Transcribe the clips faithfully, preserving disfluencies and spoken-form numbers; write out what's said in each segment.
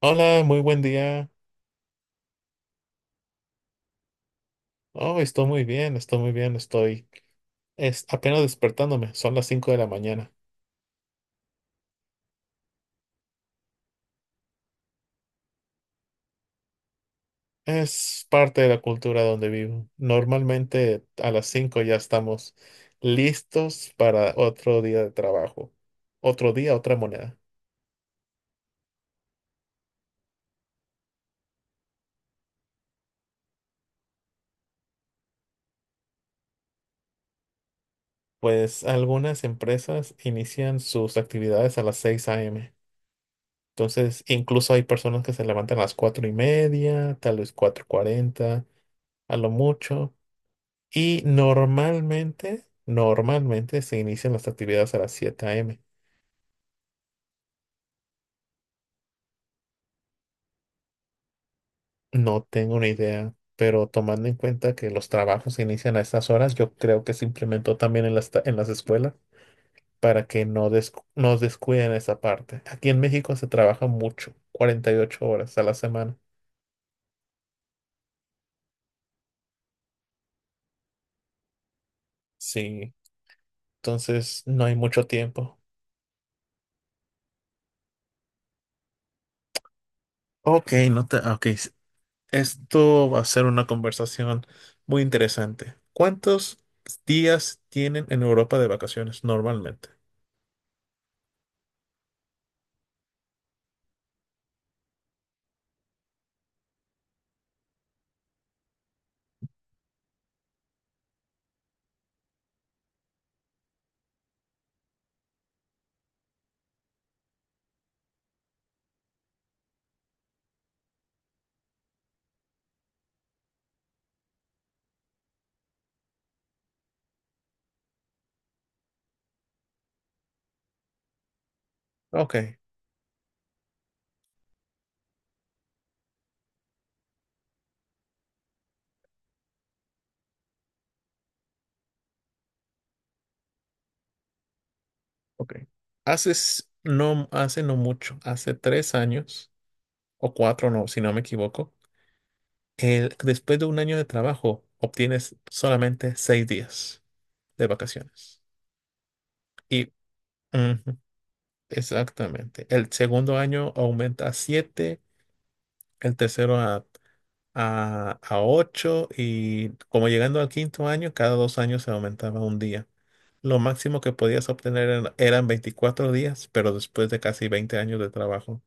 Hola, muy buen día. Oh, estoy muy bien, estoy muy bien, estoy es apenas despertándome, son las cinco de la mañana. Es parte de la cultura donde vivo. Normalmente a las cinco ya estamos listos para otro día de trabajo. Otro día, otra moneda. Pues algunas empresas inician sus actividades a las seis a m. Entonces, incluso hay personas que se levantan a las cuatro y media, tal vez cuatro cuarenta, a lo mucho. Y normalmente, normalmente se inician las actividades a las siete m. No tengo una idea, pero tomando en cuenta que los trabajos se inician a estas horas, yo creo que se implementó también en las, ta- en las escuelas para que no descu- nos descuiden esa parte. Aquí en México se trabaja mucho, cuarenta y ocho horas a la semana. Sí, entonces no hay mucho tiempo. Ok, no te, ok, esto va a ser una conversación muy interesante. ¿Cuántos días tienen en Europa de vacaciones normalmente? Ok, ok. Hace, s- no, hace no mucho, hace tres años o cuatro, no, si no me equivoco, el- después de un año de trabajo obtienes solamente seis días de vacaciones. Y ujú, exactamente, el segundo año aumenta a siete, el tercero a a, a ocho y como llegando al quinto año, cada dos años se aumentaba un día. Lo máximo que podías obtener eran, eran veinticuatro días, pero después de casi veinte años de trabajo.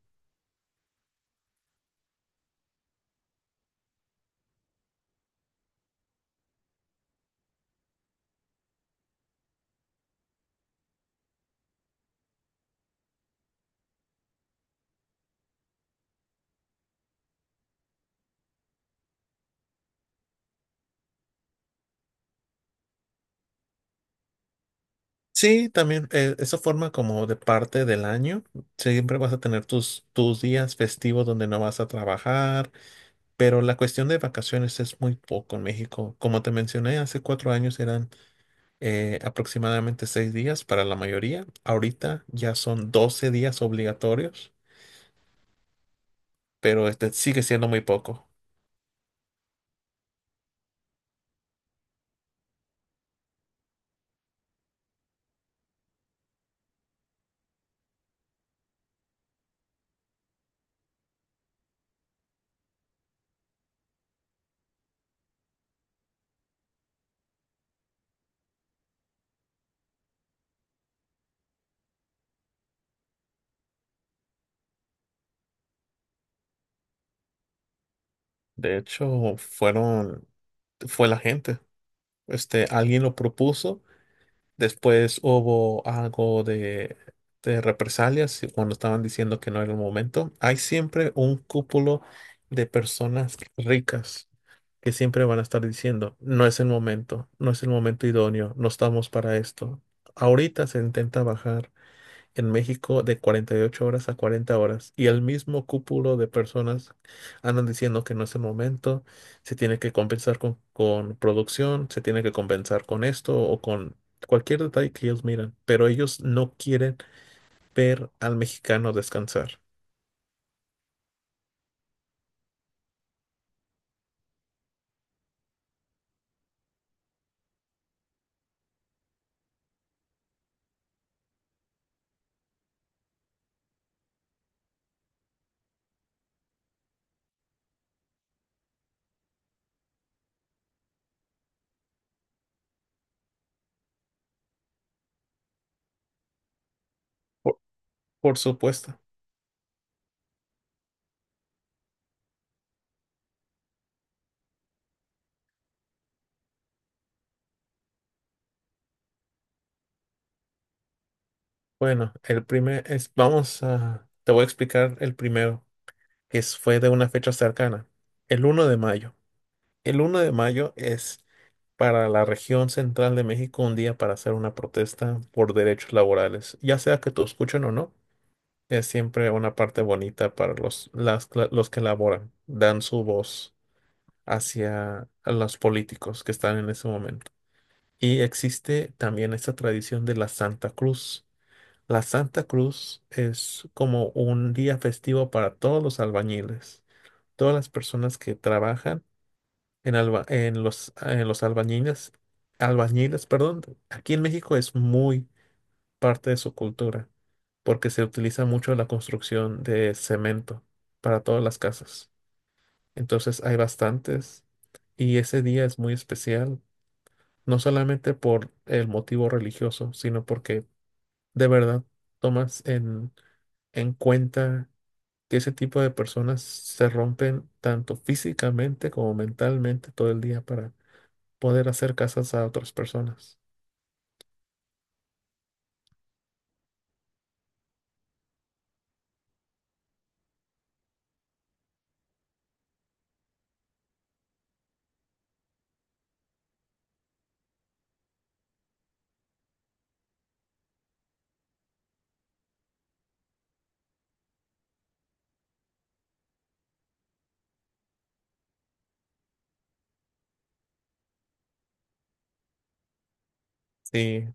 Sí, también eh, eso forma como de parte del año. Siempre vas a tener tus, tus días festivos donde no vas a trabajar, pero la cuestión de vacaciones es muy poco en México. Como te mencioné, hace cuatro años eran eh, aproximadamente seis días para la mayoría. Ahorita ya son doce días obligatorios, pero este sigue siendo muy poco. De hecho, fueron, fue la gente. Este, alguien lo propuso. Después hubo algo de, de represalias y cuando estaban diciendo que no era el momento. Hay siempre un cúpulo de personas ricas que siempre van a estar diciendo, no es el momento, no es el momento idóneo, no estamos para esto. Ahorita se intenta bajar en México de cuarenta y ocho horas a cuarenta horas y el mismo cúpulo de personas andan diciendo que no es el momento, se tiene que compensar con, con producción, se tiene que compensar con esto o con cualquier detalle que ellos miran, pero ellos no quieren ver al mexicano descansar. Por, por supuesto. Bueno, el primer es, vamos a, te voy a explicar el primero, que es- fue de una fecha cercana, el uno de mayo. El uno de mayo es para la región central de México un día para hacer una protesta por derechos laborales, ya sea que te escuchen o no. Es siempre una parte bonita para los, las cla- los que laboran, dan su voz hacia los políticos que están en ese momento. Y existe también esta tradición de la Santa Cruz. La Santa Cruz es como un día festivo para todos los albañiles, todas las personas que trabajan en, alba- en los, en los albañiles, albañiles, perdón, aquí en México es muy parte de su cultura, porque se utiliza mucho la construcción de cemento para todas las casas. Entonces hay bastantes y ese día es muy especial, no solamente por el motivo religioso, sino porque de verdad tomas en en cuenta que ese tipo de personas se rompen tanto físicamente como mentalmente todo el día para poder hacer casas a otras personas. Sí,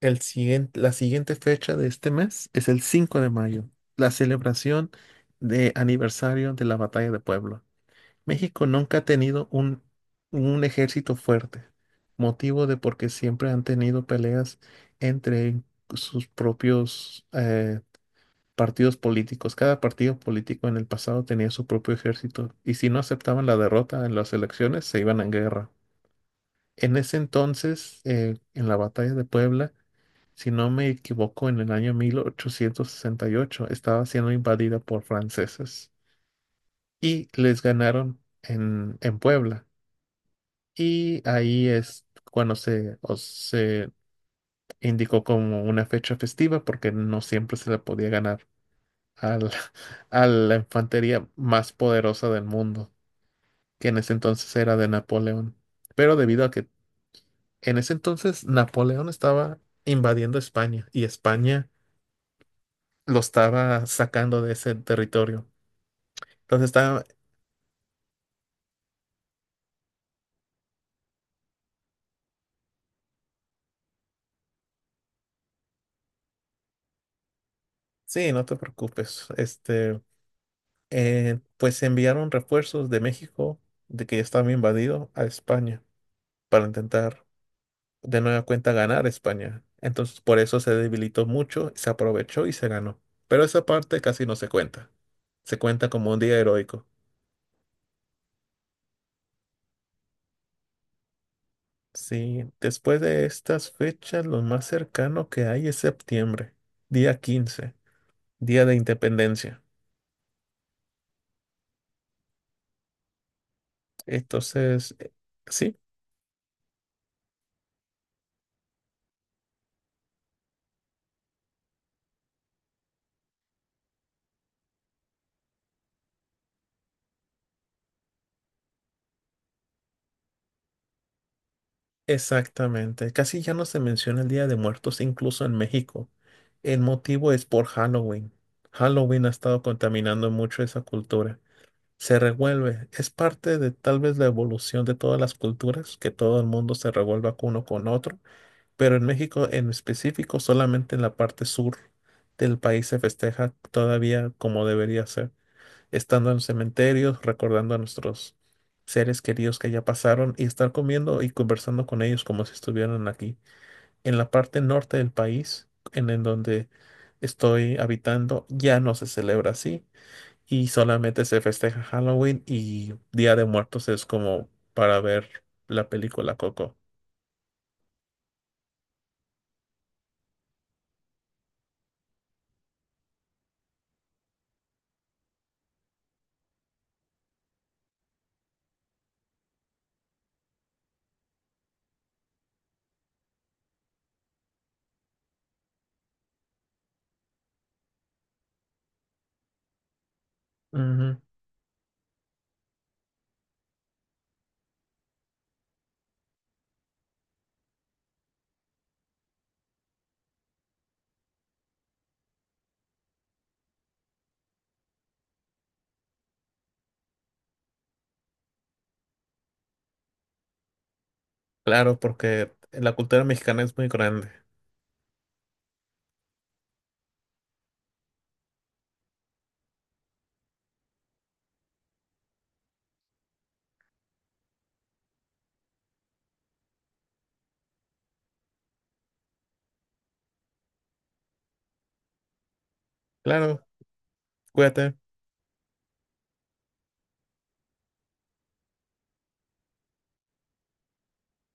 el siguiente, la siguiente fecha de este mes es el cinco de mayo, la celebración de aniversario de la Batalla de Puebla. México nunca ha tenido un, un ejército fuerte, motivo de porque siempre han tenido peleas entre sus propios eh, partidos políticos. Cada partido político en el pasado tenía su propio ejército y si no aceptaban la derrota en las elecciones, se iban a guerra. En ese entonces, eh, en la batalla de Puebla, si no me equivoco, en el año mil ochocientos sesenta y ocho estaba siendo invadida por franceses y les ganaron en, en Puebla. Y ahí es cuando se, o se indicó como una fecha festiva porque no siempre se le podía ganar al- a la infantería más poderosa del mundo, que en ese entonces era de Napoleón. Pero debido a que en ese entonces Napoleón estaba invadiendo España y España lo estaba sacando de ese territorio. Entonces estaba, sí, no te preocupes, este, eh, pues enviaron refuerzos de México, de que ya estaba invadido, a España para intentar de nueva cuenta ganar España. Entonces por eso se debilitó mucho, se aprovechó y se ganó. Pero esa parte casi no se cuenta. Se cuenta como un día heroico. Sí, después de estas fechas lo más cercano que hay es septiembre, día quince día de independencia. Entonces, eh, sí, exactamente. Casi ya no se menciona el Día de Muertos incluso en México. El motivo es por Halloween. Halloween ha estado contaminando mucho esa cultura. Se revuelve. Es parte de tal vez la evolución de todas las culturas, que todo el mundo se revuelva con uno con otro, pero en México en específico, solamente en la parte sur del país se festeja todavía como debería ser, estando en los cementerios, recordando a nuestros seres queridos que ya pasaron y estar comiendo y conversando con ellos como si estuvieran aquí. En la parte norte del país, en, en donde estoy habitando, ya no se celebra así y solamente se festeja Halloween y Día de Muertos es como para ver la película Coco. Ujú. Claro, porque la cultura mexicana es muy grande. Claro, cuídate.